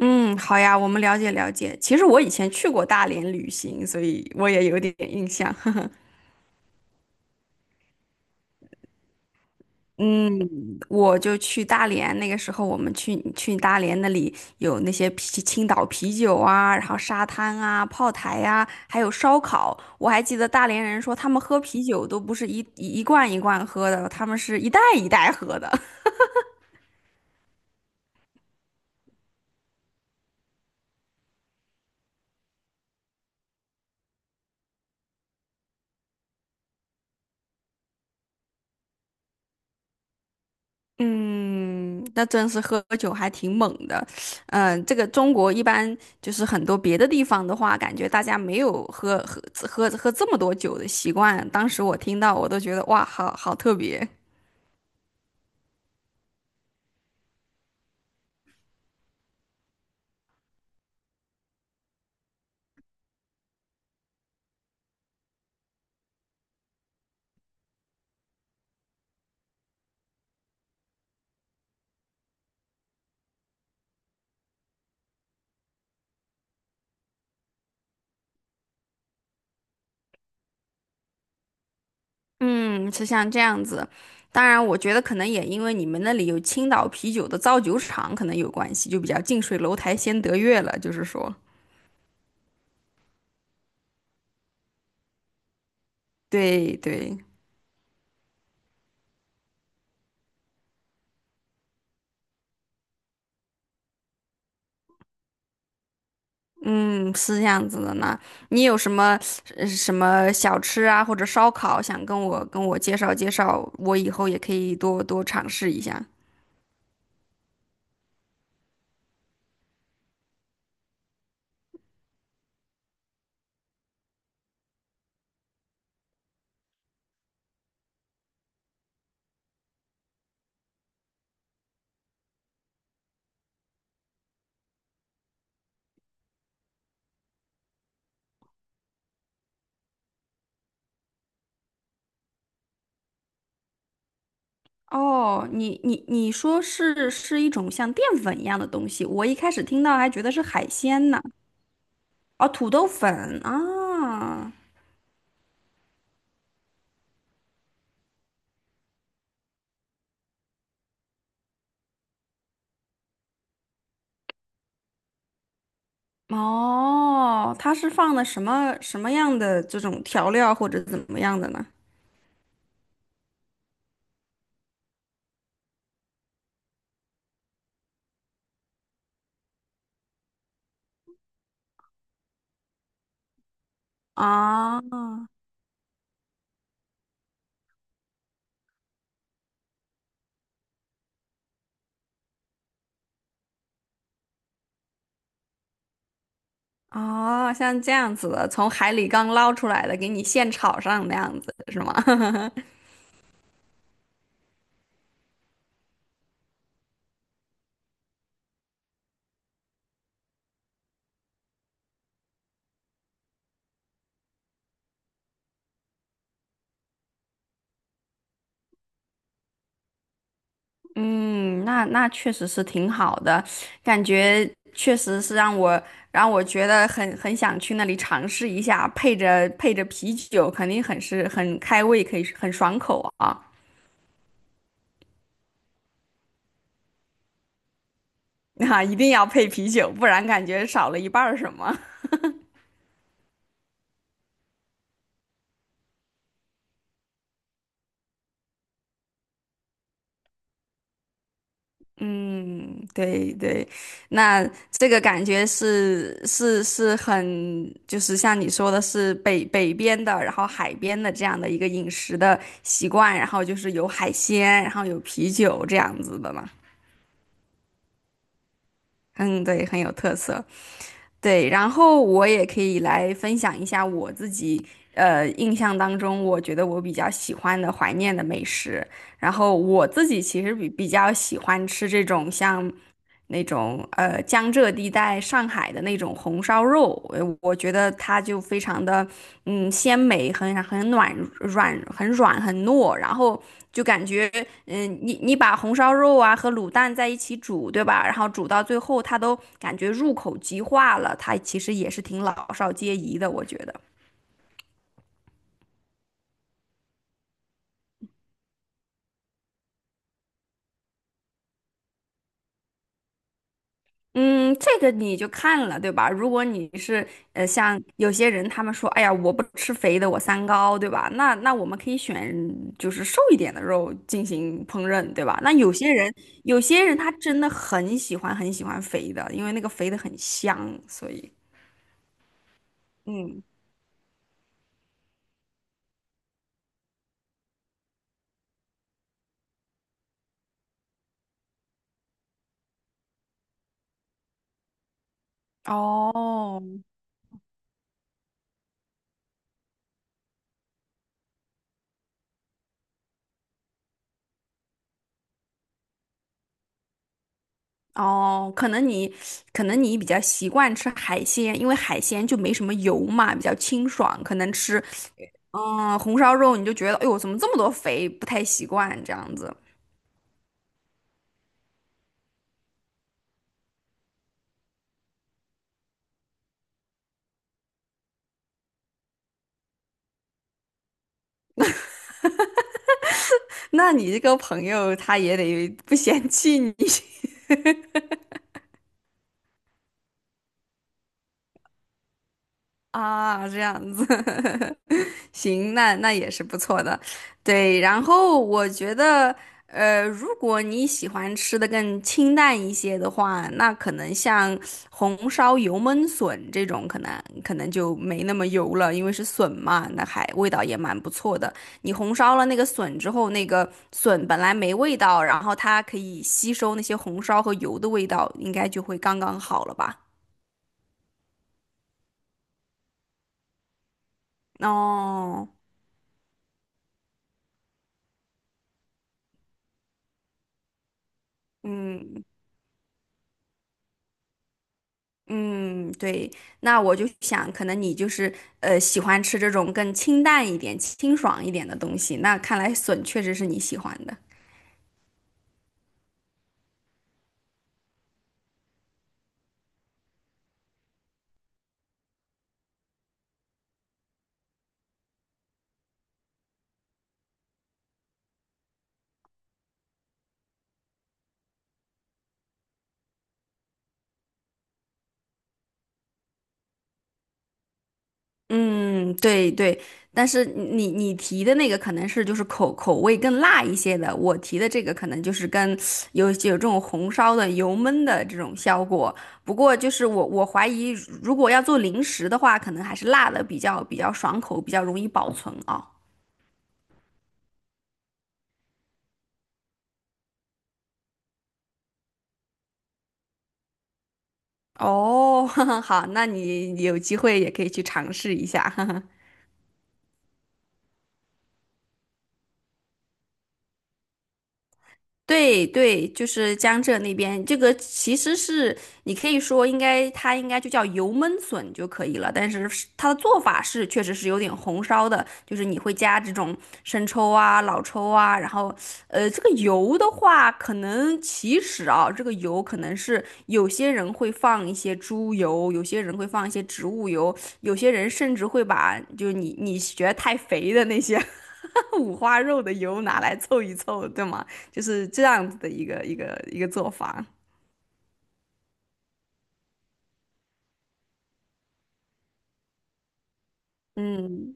嗯，好呀，我们了解了解。其实我以前去过大连旅行，所以我也有点 印象。嗯，我就去大连，那个时候我们去大连那里有那些青岛啤酒啊，然后沙滩啊、炮台呀、啊还有烧烤。我还记得大连人说他们喝啤酒都不是一罐一罐喝的，他们是一袋一袋喝的。嗯，那真是喝酒还挺猛的。嗯，这个中国一般就是很多别的地方的话，感觉大家没有喝这么多酒的习惯。当时我听到，我都觉得哇，好特别。嗯，是像这样子。当然，我觉得可能也因为你们那里有青岛啤酒的造酒厂，可能有关系，就比较近水楼台先得月了，就是说，对对。嗯，是这样子的呢。你有什么小吃啊，或者烧烤，想跟我介绍介绍，我以后也可以多多尝试一下。哦，你说是一种像淀粉一样的东西，我一开始听到还觉得是海鲜呢。哦，土豆粉啊，哦，它是放的什么样的这种调料或者怎么样的呢？啊。哦，像这样子的，从海里刚捞出来的，给你现炒上那样子是吗？嗯，那确实是挺好的，感觉确实是让我觉得很想去那里尝试一下，配着配着啤酒，肯定很开胃，可以很爽口啊！啊，一定要配啤酒，不然感觉少了一半儿什么。嗯，对对，那这个感觉是很，就是像你说的是北边的，然后海边的这样的一个饮食的习惯，然后就是有海鲜，然后有啤酒这样子的嘛。嗯，对，很有特色。对，然后我也可以来分享一下我自己，印象当中我觉得我比较喜欢的怀念的美食。然后我自己其实比较喜欢吃这种像。那种江浙地带上海的那种红烧肉，我觉得它就非常的鲜美，很暖软，很软很糯，然后就感觉你把红烧肉啊和卤蛋在一起煮，对吧？然后煮到最后，它都感觉入口即化了，它其实也是挺老少皆宜的，我觉得。嗯，这个你就看了，对吧？如果你是像有些人他们说，哎呀，我不吃肥的，我三高，对吧？那我们可以选就是瘦一点的肉进行烹饪，对吧？那有些人他真的很喜欢很喜欢肥的，因为那个肥的很香，所以嗯，哦哦，可能你比较习惯吃海鲜，因为海鲜就没什么油嘛，比较清爽，可能吃红烧肉你就觉得，哎呦，怎么这么多肥，不太习惯这样子。那你这个朋友他也得不嫌弃你 啊，这样子。行，那也是不错的，对。然后我觉得，如果你喜欢吃的更清淡一些的话，那可能像红烧油焖笋这种，可能就没那么油了，因为是笋嘛，那还味道也蛮不错的。你红烧了那个笋之后，那个笋本来没味道，然后它可以吸收那些红烧和油的味道，应该就会刚刚好了吧？哦，嗯，嗯，对，那我就想，可能你就是喜欢吃这种更清淡一点、清爽一点的东西。那看来笋确实是你喜欢的。嗯，对对，但是你提的那个可能是就是口味更辣一些的，我提的这个可能就是跟有这种红烧的、油焖的这种效果。不过就是我怀疑，如果要做零食的话，可能还是辣的比较爽口，比较容易保存啊。哦，好，那你有机会也可以去尝试一下。对对，就是江浙那边，这个其实是你可以说应该它应该就叫油焖笋就可以了，但是它的做法是确实是有点红烧的，就是你会加这种生抽啊、老抽啊，然后这个油的话，可能其实啊，这个油可能是有些人会放一些猪油，有些人会放一些植物油，有些人甚至会把就是你觉得太肥的那些 五花肉的油拿来凑一凑，对吗？就是这样子的一个做法。嗯，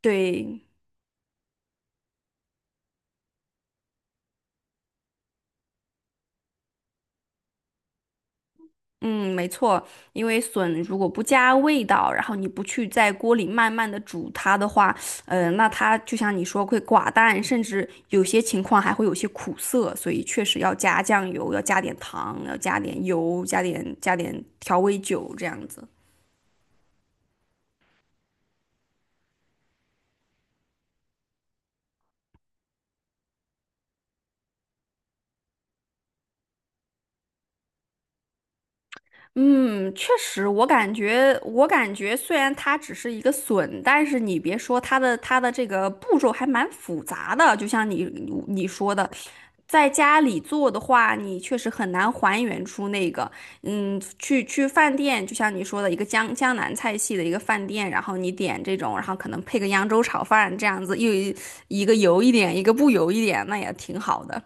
对，嗯，没错，因为笋如果不加味道，然后你不去在锅里慢慢的煮它的话，那它就像你说会寡淡，甚至有些情况还会有些苦涩，所以确实要加酱油，要加点糖，要加点油，加点调味酒这样子。嗯，确实，我感觉，虽然它只是一个笋，但是你别说它的这个步骤还蛮复杂的，就像你说的，在家里做的话，你确实很难还原出那个，嗯，去饭店，就像你说的一个江南菜系的一个饭店，然后你点这种，然后可能配个扬州炒饭这样子，又一个油一点，一个不油一点，那也挺好的。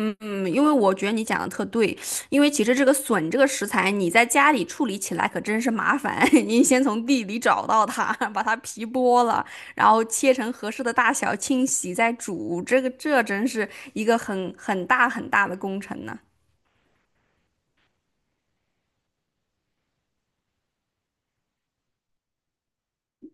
嗯，因为我觉得你讲的特对，因为其实这个笋这个食材，你在家里处理起来可真是麻烦。你先从地里找到它，把它皮剥了，然后切成合适的大小，清洗再煮，这个这真是一个很大很大的工程呢。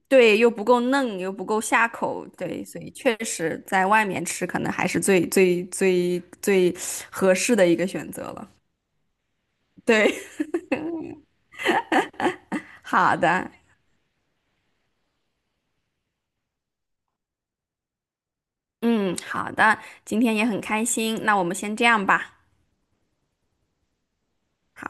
对，又不够嫩，又不够下口，对，所以确实在外面吃可能还是最合适的一个选择了。对，好的。嗯，好的，今天也很开心，那我们先这样吧。好。